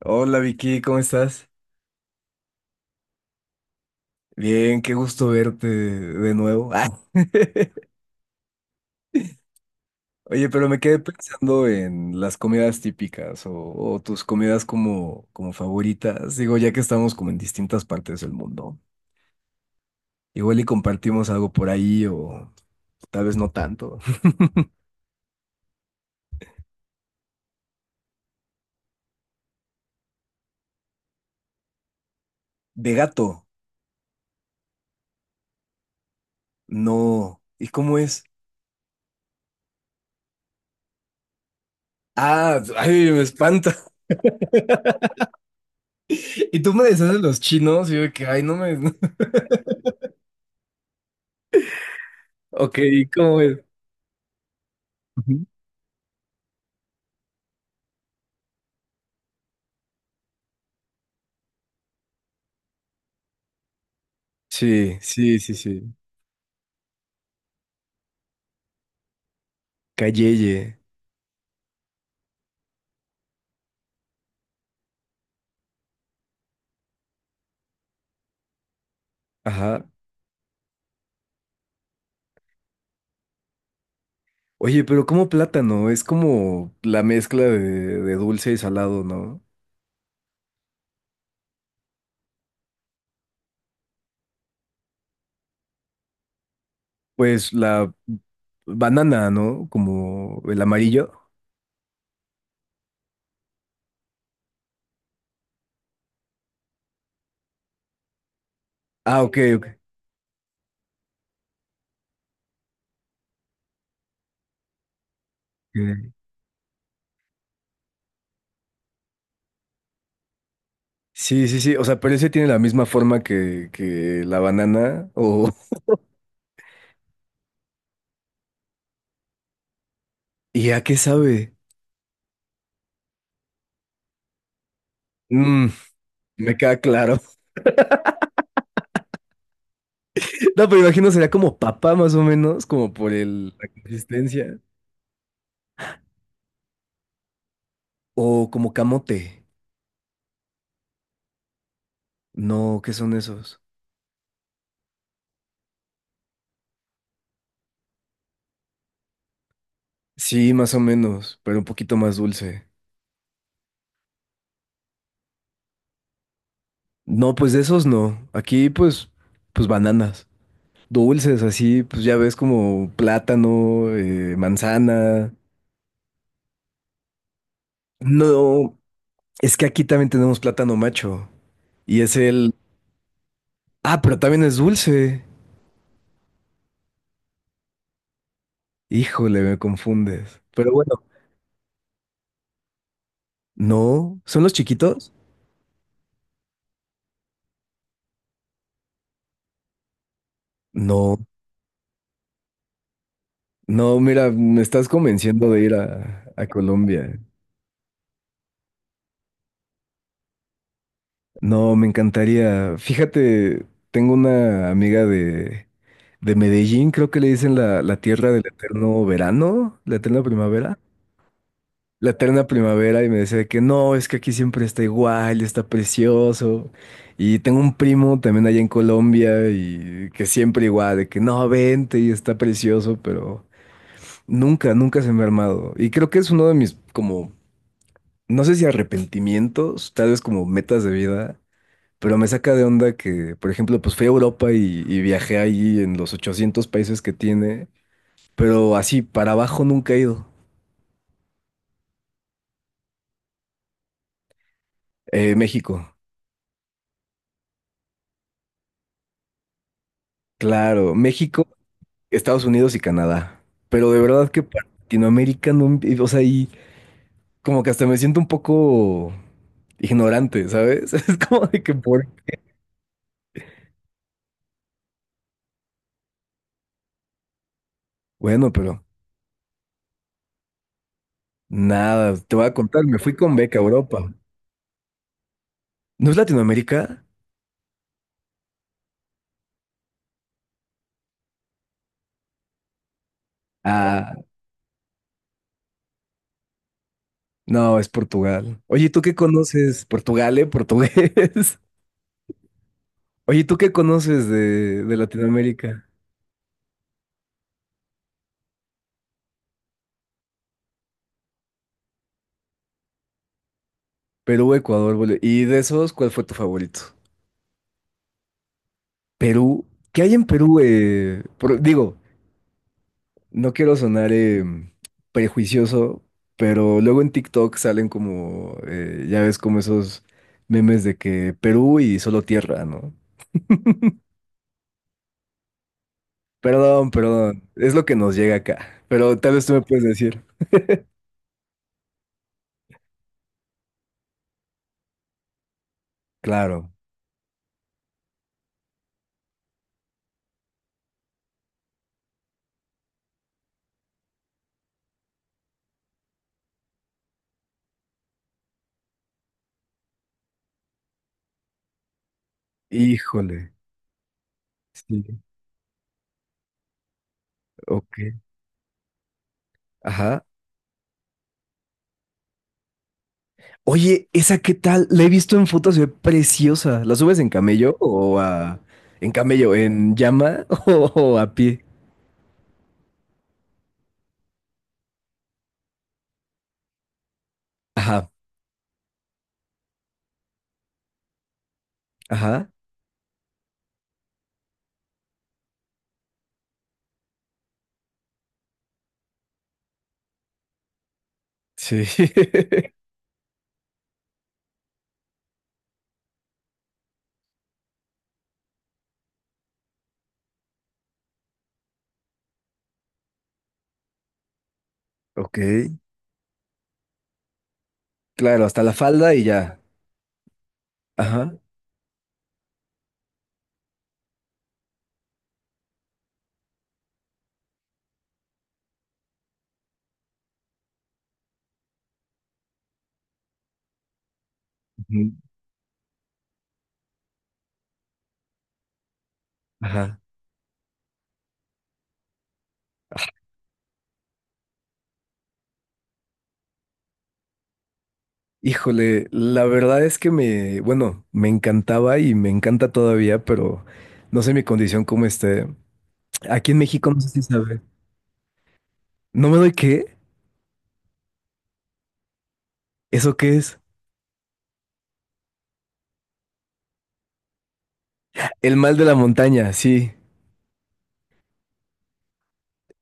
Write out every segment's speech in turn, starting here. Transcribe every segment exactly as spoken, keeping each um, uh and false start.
Hola Vicky, ¿cómo estás? Bien, qué gusto verte de nuevo. Ah. Oye, pero me quedé pensando en las comidas típicas o, o tus comidas como, como favoritas. Digo, ya que estamos como en distintas partes del mundo. Igual y compartimos algo por ahí o tal vez no tanto. De gato, no. ¿Y cómo es? Ah, ay, me espanta. Y tú me decías de los chinos y yo de que, ay, no me. Ok, ¿y cómo es? Ujú. Sí, sí, sí, sí. Calleye. Ajá. Oye, pero cómo plátano, es como la mezcla de, de dulce y salado, ¿no? Pues la banana, ¿no? Como el amarillo. Ah, ok, ok. Ok. Sí, sí, sí. O sea, pero ese tiene la misma forma que, que la banana. O. ¿Y a qué sabe? Mm, Me queda claro. No, pero imagino sería como papa, más o menos, como por el, la consistencia. O como camote. No, ¿qué son esos? Sí, más o menos, pero un poquito más dulce. No, pues de esos no. Aquí, pues, pues bananas. Dulces, así, pues ya ves como plátano, eh, manzana. No, es que aquí también tenemos plátano macho. Y es el. Ah, pero también es dulce. Híjole, me confundes. Pero bueno, no. ¿Son los chiquitos? No. No, mira, me estás convenciendo de ir a, a Colombia. No, me encantaría. Fíjate, tengo una amiga de, de Medellín, creo que le dicen la, la tierra del eterno verano, la eterna primavera. La eterna primavera y me decía de que no, es que aquí siempre está igual, está precioso. Y tengo un primo también allá en Colombia y que siempre igual, de que no, vente y está precioso, pero nunca, nunca se me ha armado. Y creo que es uno de mis como, no sé si arrepentimientos, tal vez como metas de vida, pero me saca de onda que, por ejemplo, pues fui a Europa y, y viajé ahí en los ochocientos países que tiene, pero así para abajo nunca he ido. Eh, México, claro, México, Estados Unidos y Canadá. Pero de verdad que para Latinoamérica no, o sea, y como que hasta me siento un poco ignorante, ¿sabes? Es como de que por. Bueno, pero nada, te voy a contar, me fui con beca a Europa. ¿No es Latinoamérica? Ah, no, es Portugal. Oye, ¿tú qué conoces? Portugal, ¿eh? Portugués. Oye, ¿tú qué conoces de, de Latinoamérica? Perú, Ecuador, Bolivia. ¿Y de esos, cuál fue tu favorito? Perú. ¿Qué hay en Perú? eh? Por- digo, no quiero sonar eh, prejuicioso, pero luego en TikTok salen como, eh, ya ves, como esos memes de que Perú y solo tierra, ¿no? Perdón, perdón. Es lo que nos llega acá. Pero tal vez tú me puedes decir. Claro. Híjole. Sí. Ok. Ajá. Oye, ¿esa qué tal? La he visto en fotos, se ve preciosa. ¿La subes en camello o a... en camello, en llama o a pie? Ajá, ajá. Sí. Ok. Claro, hasta la falda y ya. Ajá. Ujú, ajá. Híjole, la verdad es que me, bueno, me encantaba y me encanta todavía, pero no sé mi condición cómo esté. Aquí en México no sé si sabe. ¿No me doy qué? ¿Eso qué es? El mal de la montaña, sí.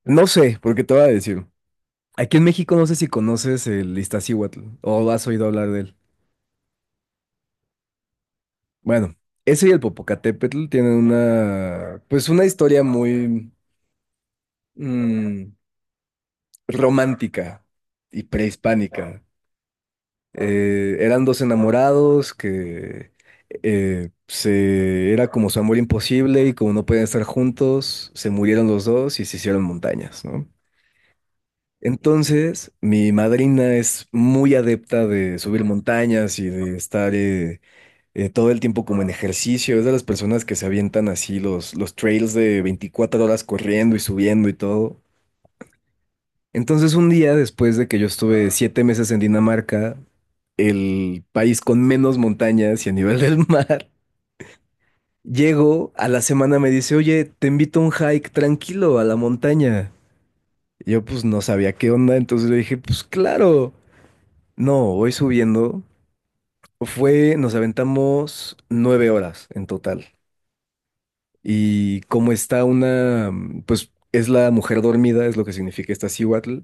No sé, porque te voy a decir. Aquí en México no sé si conoces el Iztaccíhuatl o has oído hablar de él. Bueno, ese y el Popocatépetl tienen una, pues una historia muy mm, romántica y prehispánica. Eh, eran dos enamorados que eh, se era como su amor imposible y como no podían estar juntos, se murieron los dos y se hicieron montañas, ¿no? Entonces, mi madrina es muy adepta de subir montañas y de estar eh, eh, todo el tiempo como en ejercicio. Es de las personas que se avientan así los, los trails de veinticuatro horas corriendo y subiendo y todo. Entonces, un día después de que yo estuve siete meses en Dinamarca, el país con menos montañas y a nivel del mar, llego a la semana, me dice, oye, te invito a un hike tranquilo a la montaña. Y yo pues no sabía qué onda, entonces le dije, pues claro. No, voy subiendo. Fue, nos aventamos nueve horas en total. Y como está una, mm, pues es la mujer dormida, es lo que significa esta Cihuatl,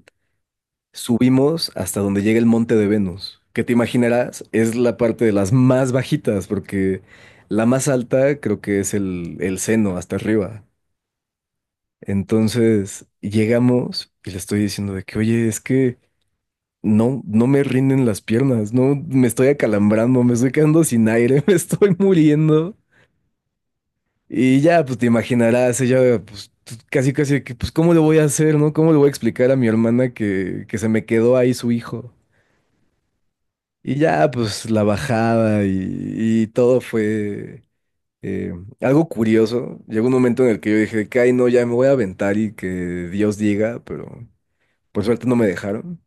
subimos hasta donde llega el monte de Venus, que te imaginarás es la parte de las más bajitas, porque la más alta creo que es el, el seno hasta arriba. Entonces llegamos y le estoy diciendo de que, oye, es que no, no me rinden las piernas, no, me estoy acalambrando, me estoy quedando sin aire, me estoy muriendo. Y ya, pues te imaginarás, ella, pues tú- casi, casi, que, pues, ¿cómo le voy a hacer, no? ¿Cómo le voy a explicar a mi hermana que, que se me quedó ahí su hijo? Y ya, pues la bajada y, y todo fue eh, algo curioso. Llegó un momento en el que yo dije, que, ay, no, ya me voy a aventar y que Dios diga, pero por suerte no me dejaron.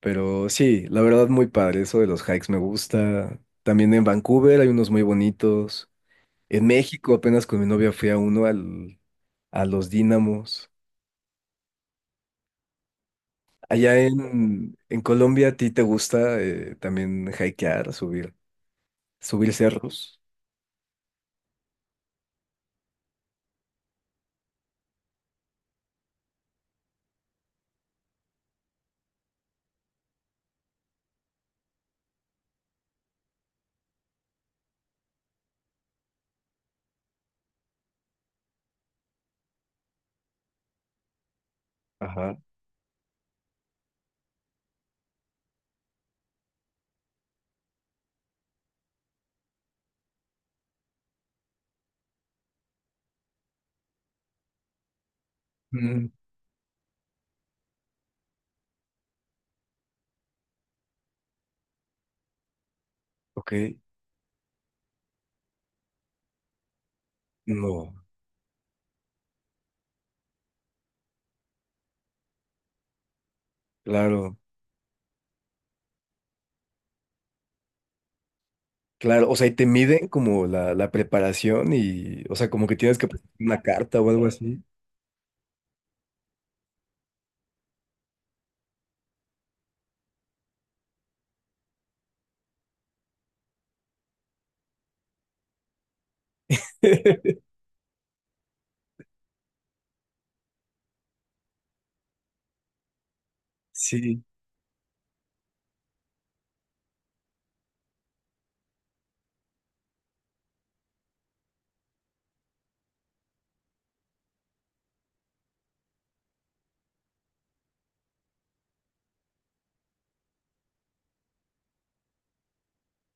Pero sí, la verdad muy padre, eso de los hikes me gusta. También en Vancouver hay unos muy bonitos. En México apenas con mi novia fui a uno al, a los Dínamos. Allá en, en Colombia, ¿a ti te gusta eh, también hikear, subir, subir cerros? Ajá. Mm, ok. No, claro, claro. O sea, y te miden como la, la preparación y, o sea, como que tienes que presentar una carta o algo así. Sí,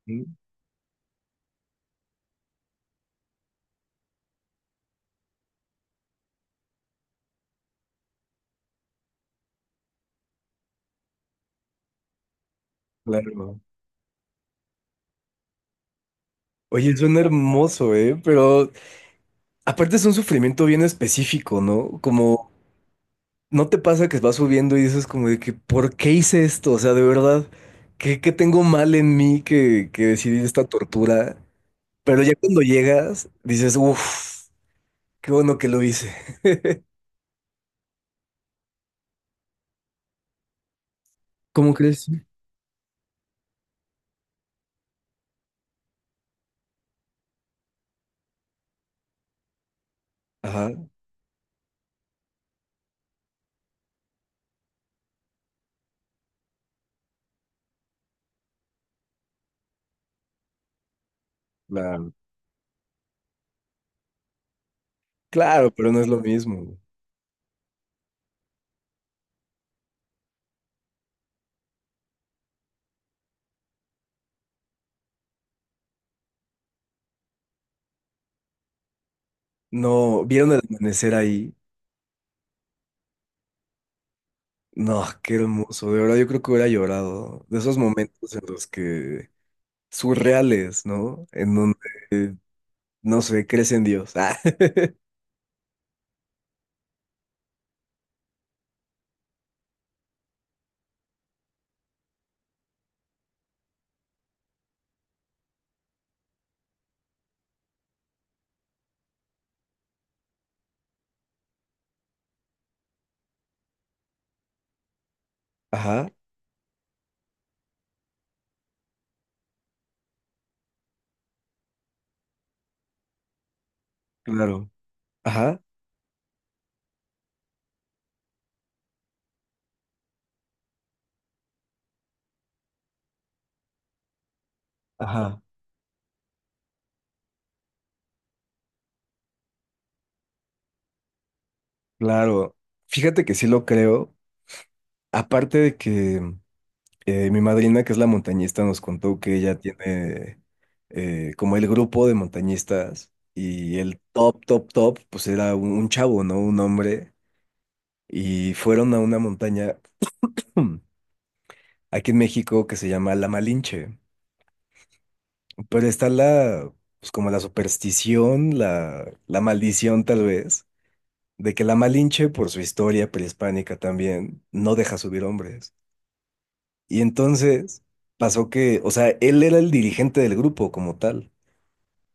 mm, claro. Oye, suena hermoso, ¿eh? Pero aparte es un sufrimiento bien específico, ¿no? Como, ¿no te pasa que vas subiendo y dices como de que, ¿por qué hice esto? O sea, de verdad, ¿qué, qué tengo mal en mí que, que decidí esta tortura? Pero ya cuando llegas, dices, uff, qué bueno que lo hice. ¿Cómo crees? Sí. Ajá, claro. Claro, pero no es lo mismo. No, ¿vieron el amanecer ahí? No, qué hermoso. De verdad, yo creo que hubiera llorado. De esos momentos en los que surreales, ¿no? En donde, eh, no sé, crees en Dios. Ah, Ajá, claro. Ajá, ajá, claro. Fíjate que sí lo creo. Aparte de que eh, mi madrina, que es la montañista, nos contó que ella tiene eh, como el grupo de montañistas y el top, top, top, pues era un, un chavo, ¿no? Un hombre. Y fueron a una montaña aquí en México que se llama La Malinche. Pero está la, pues como la superstición, la, la maldición tal vez, de que la Malinche, por su historia prehispánica también, no deja subir hombres. Y entonces pasó que, o sea, él era el dirigente del grupo como tal,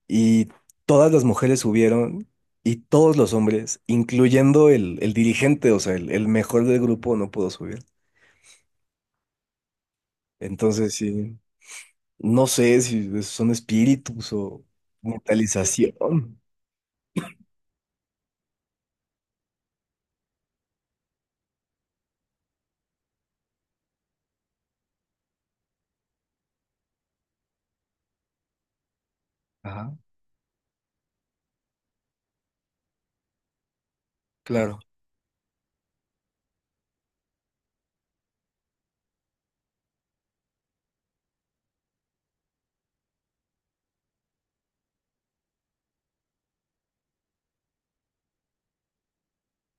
y todas las mujeres subieron y todos los hombres, incluyendo el, el dirigente, o sea, el, el mejor del grupo, no pudo subir. Entonces, sí, no sé si son espíritus o mentalización. Ajá, claro.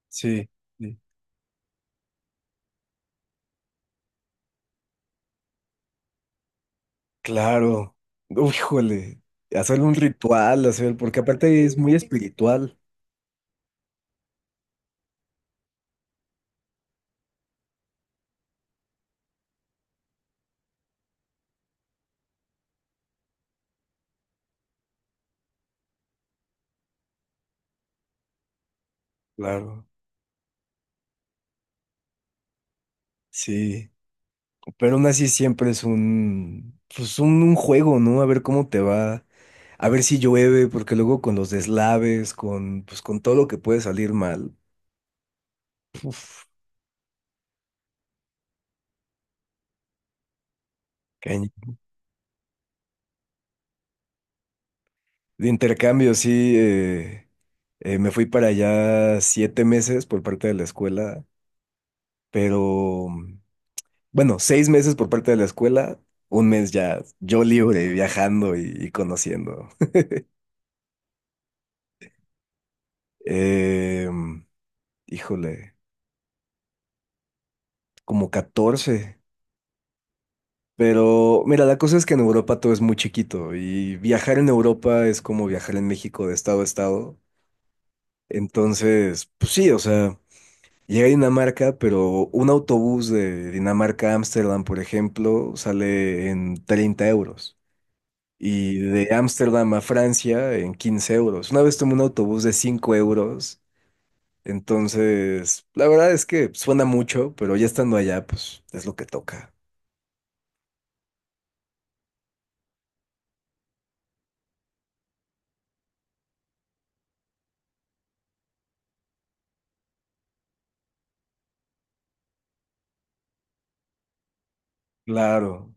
Sí, sí, claro. Uy, híjole, hacer un ritual, hacer, porque aparte es muy espiritual, claro, sí, pero aún así siempre es un, pues un, un juego, ¿no? A ver cómo te va, a ver si llueve, porque luego con los deslaves, con, pues con todo lo que puede salir mal, caña. De intercambio, sí, eh, eh, me fui para allá siete meses por parte de la escuela, pero. Bueno, seis meses por parte de la escuela, un mes ya yo libre, viajando y, y conociendo. Em, Híjole, como catorce. Pero mira, la cosa es que en Europa todo es muy chiquito y viajar en Europa es como viajar en México de estado a estado. Entonces, pues sí, o sea, llegué a Dinamarca, pero un autobús de Dinamarca a Ámsterdam, por ejemplo, sale en treinta euros. Y de Ámsterdam a Francia en quince euros. Una vez tomé un autobús de cinco euros. Entonces, la verdad es que suena mucho, pero ya estando allá, pues es lo que toca. Claro,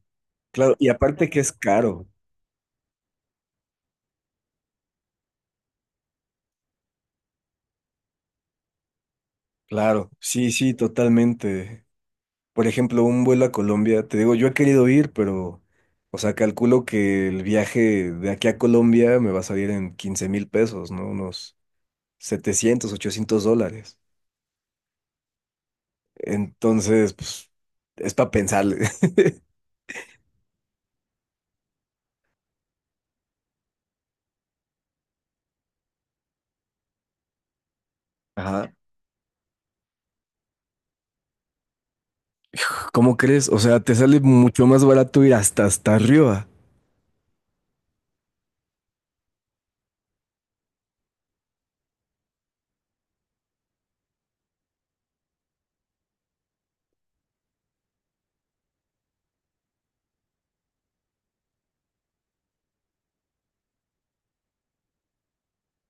claro. Y aparte que es caro. Claro, sí, sí, totalmente. Por ejemplo, un vuelo a Colombia, te digo, yo he querido ir, pero, o sea, calculo que el viaje de aquí a Colombia me va a salir en quince mil pesos, ¿no? Unos setecientos, ochocientos dólares. Entonces, pues, es para pensarle. Ajá. ¿Cómo crees? O sea, te sale mucho más barato ir hasta hasta arriba.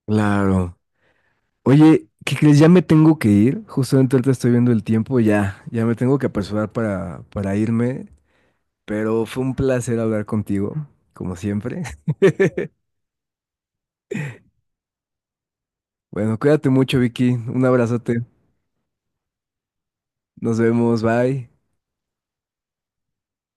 Claro. Oye, ¿qué crees? Ya me tengo que ir. Justamente ahorita estoy viendo el tiempo. Ya, ya me tengo que apresurar para, para irme. Pero fue un placer hablar contigo, como siempre. Bueno, cuídate mucho, Vicky. Un abrazote. Nos vemos. Bye.